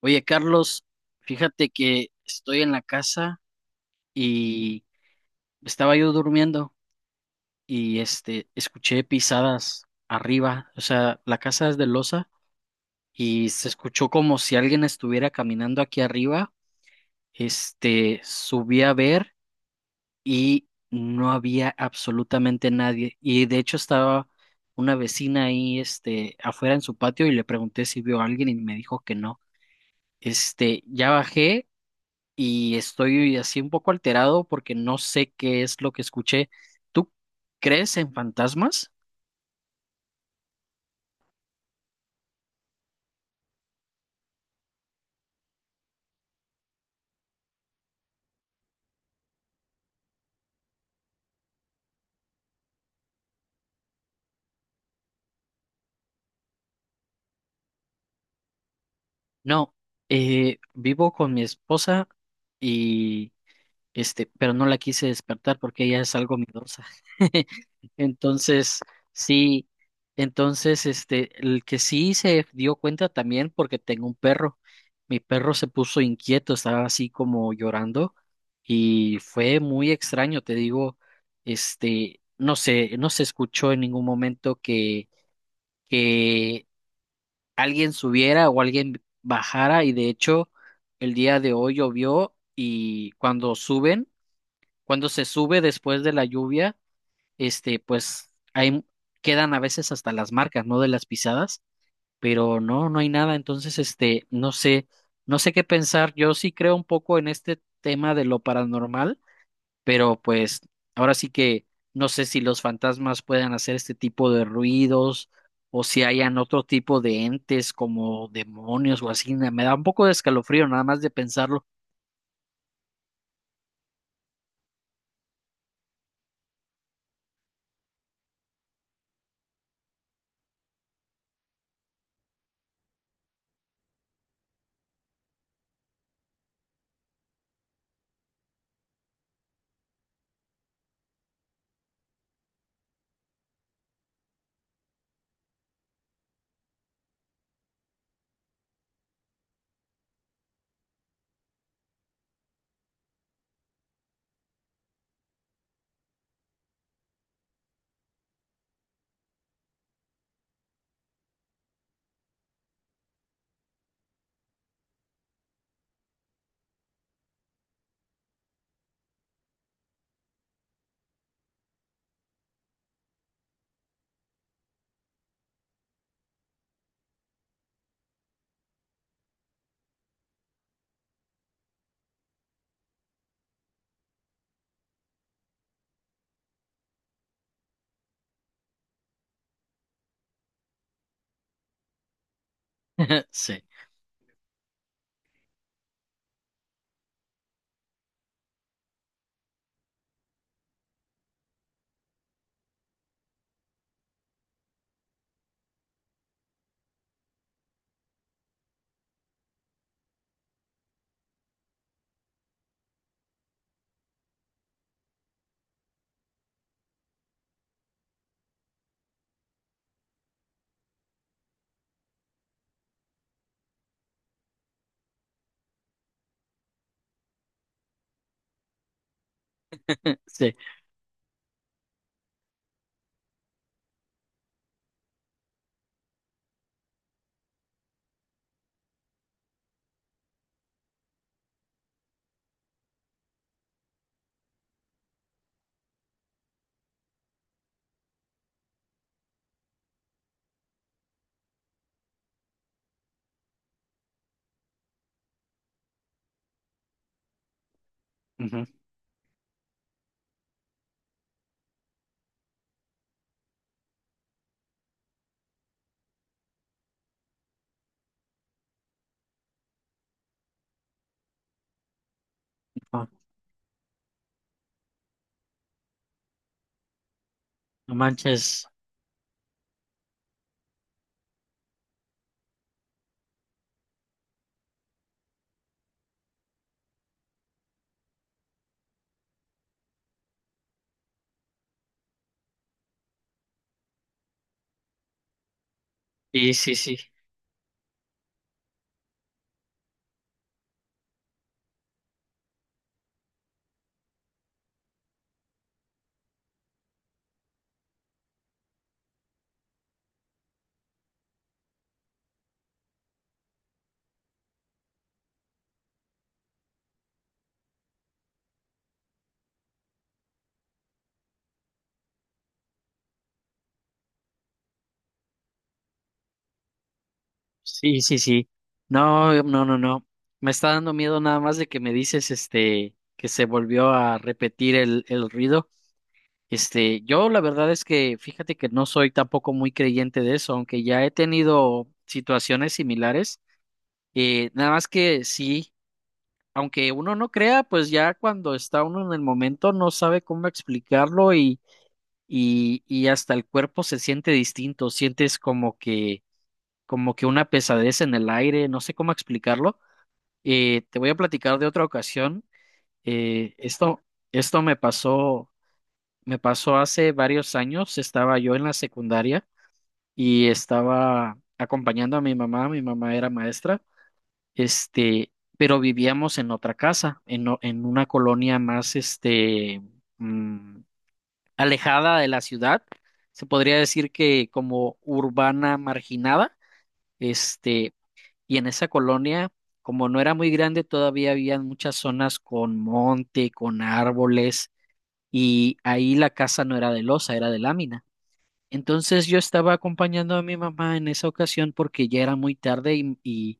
Oye, Carlos, fíjate que estoy en la casa y estaba yo durmiendo y escuché pisadas arriba, o sea, la casa es de losa y se escuchó como si alguien estuviera caminando aquí arriba. Subí a ver y no había absolutamente nadie y de hecho estaba una vecina ahí afuera en su patio y le pregunté si vio a alguien y me dijo que no. Ya bajé y estoy así un poco alterado porque no sé qué es lo que escuché. ¿Tú crees en fantasmas? No, vivo con mi esposa, pero no la quise despertar porque ella es algo miedosa. Entonces, sí, entonces, el que sí se dio cuenta también porque tengo un perro. Mi perro se puso inquieto, estaba así como llorando y fue muy extraño, te digo, no sé, no se escuchó en ningún momento que alguien subiera o alguien bajara. Y de hecho el día de hoy llovió y cuando se sube después de la lluvia, pues ahí quedan a veces hasta las marcas, ¿no? De las pisadas, pero no, no hay nada. Entonces, no sé qué pensar. Yo sí creo un poco en este tema de lo paranormal, pero pues ahora sí que no sé si los fantasmas puedan hacer este tipo de ruidos o si hayan otro tipo de entes como demonios o así. Me da un poco de escalofrío nada más de pensarlo. Sí, sí. Ujú. No, no manches. Sí, sí, sí, sí, sí, sí. No, no, no, no. Me está dando miedo nada más de que me dices, que se volvió a repetir el ruido. Yo la verdad es que fíjate que no soy tampoco muy creyente de eso, aunque ya he tenido situaciones similares. Nada más que sí, aunque uno no crea, pues ya cuando está uno en el momento no sabe cómo explicarlo y hasta el cuerpo se siente distinto. Sientes como que una pesadez en el aire, no sé cómo explicarlo. Te voy a platicar de otra ocasión. Eh, esto, Esto me pasó hace varios años. Estaba yo en la secundaria y estaba acompañando a mi mamá. Mi mamá era maestra, este, pero vivíamos en otra casa, en una colonia más, mm, alejada de la ciudad. Se podría decir que como urbana marginada. Este, Y en esa colonia, como no era muy grande, todavía había muchas zonas con monte, con árboles, y ahí la casa no era de losa, era de lámina. Entonces yo estaba acompañando a mi mamá en esa ocasión porque ya era muy tarde y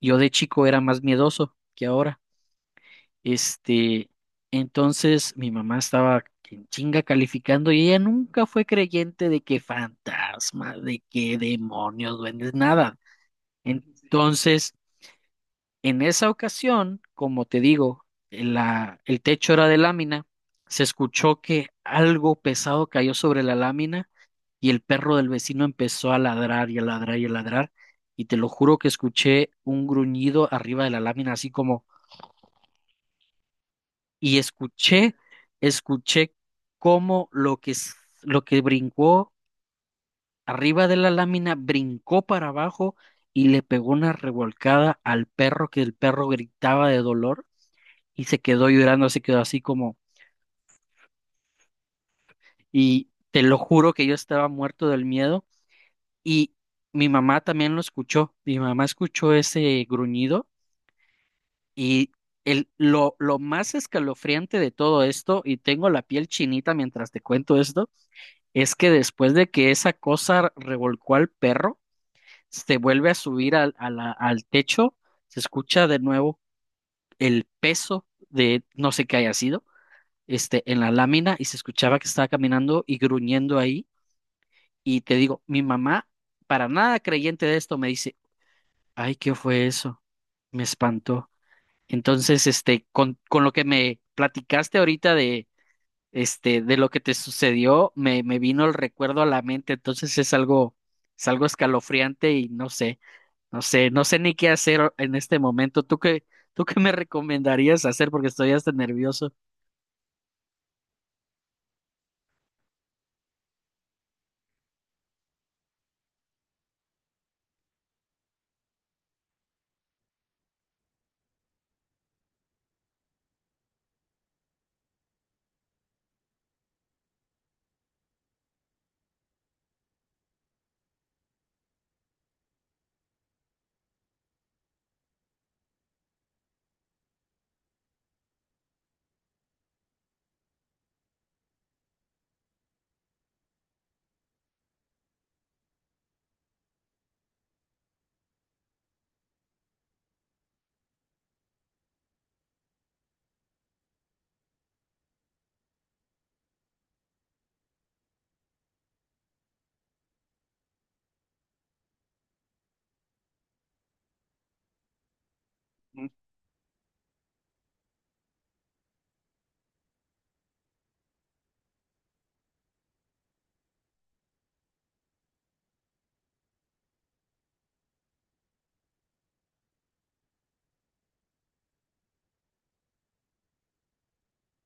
yo de chico era más miedoso que ahora. Este, entonces mi mamá estaba en chinga calificando y ella nunca fue creyente de que fantasmas, de que demonios, duendes, nada. Entonces. En esa ocasión, como te digo, el techo era de lámina, se escuchó que algo pesado cayó sobre la lámina y el perro del vecino empezó a ladrar y a ladrar y a ladrar. Y te lo juro que escuché un gruñido arriba de la lámina, así como, y escuché cómo lo que brincó arriba de la lámina brincó para abajo y le pegó una revolcada al perro, que el perro gritaba de dolor y se quedó llorando, se quedó así como, y te lo juro que yo estaba muerto del miedo y mi mamá también lo escuchó, mi mamá escuchó ese gruñido y lo más escalofriante de todo esto, y tengo la piel chinita mientras te cuento esto, es que después de que esa cosa revolcó al perro, se vuelve a subir al techo, se escucha de nuevo el peso de no sé qué haya sido, en la lámina, y se escuchaba que estaba caminando y gruñendo ahí. Y te digo, mi mamá, para nada creyente de esto, me dice, ay, ¿qué fue eso? Me espantó. Entonces, con lo que me platicaste ahorita de lo que te sucedió, me vino el recuerdo a la mente. Entonces es algo escalofriante y no sé ni qué hacer en este momento. ¿Tú qué me recomendarías hacer? Porque estoy hasta nervioso.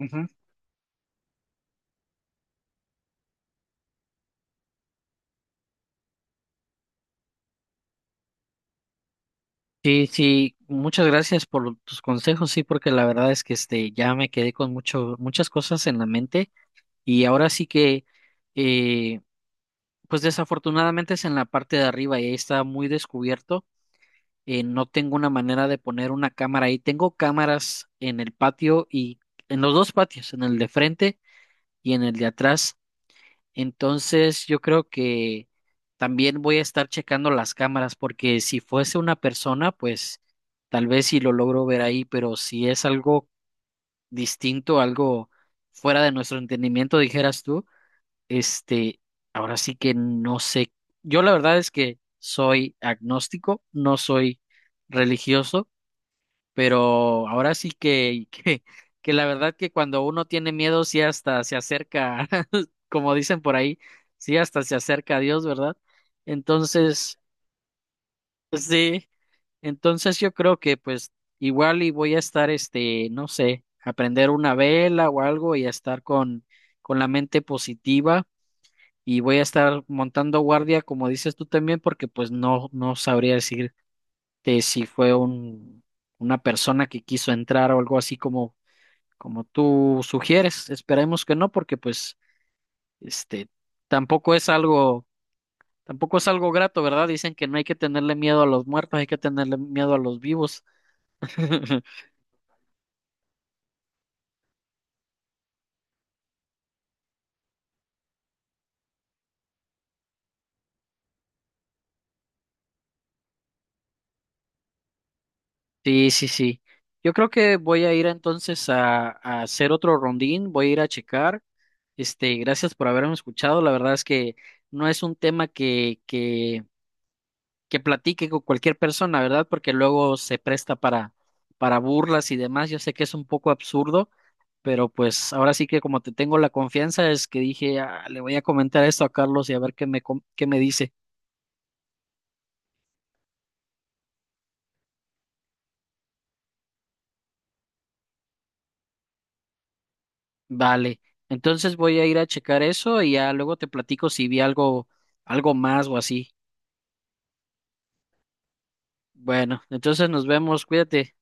Ujú. Sí, sí, muchas gracias por tus consejos, sí, porque la verdad es que ya me quedé con muchas cosas en la mente. Y ahora sí que, eh, pues desafortunadamente es en la parte de arriba y ahí está muy descubierto. No tengo una manera de poner una cámara ahí. Tengo cámaras en el patio y en los dos patios, en el de frente y en el de atrás. Entonces, yo creo que también voy a estar checando las cámaras, porque si fuese una persona, pues tal vez si lo logro ver ahí, pero si es algo distinto, algo fuera de nuestro entendimiento, dijeras tú, este, ahora sí que no sé. Yo la verdad es que soy agnóstico, no soy religioso, pero ahora sí que, que la verdad, que cuando uno tiene miedo, sí hasta se acerca, como dicen por ahí, sí hasta se acerca a Dios, ¿verdad? Entonces, pues sí, entonces yo creo que pues igual y voy a estar, no sé, a prender una vela o algo y a estar con, la mente positiva. Y voy a estar montando guardia, como dices tú también, porque pues no, no sabría decirte si fue una persona que quiso entrar, o algo así como tú sugieres. Esperemos que no, porque pues, este, tampoco es algo, tampoco es algo grato, ¿verdad? Dicen que no hay que tenerle miedo a los muertos, hay que tenerle miedo a los vivos. Sí, sí, sí. Yo creo que voy a ir entonces a hacer otro rondín, voy a ir a checar. Gracias por haberme escuchado. La verdad es que no es un tema que platique con cualquier persona, ¿verdad? Porque luego se presta para burlas y demás. Yo sé que es un poco absurdo, pero pues ahora sí que, como te tengo la confianza, es que dije: "Ah, le voy a comentar esto a Carlos y a ver qué me dice". Vale, entonces voy a ir a checar eso y ya luego te platico si vi algo, más o así. Bueno, entonces nos vemos, cuídate.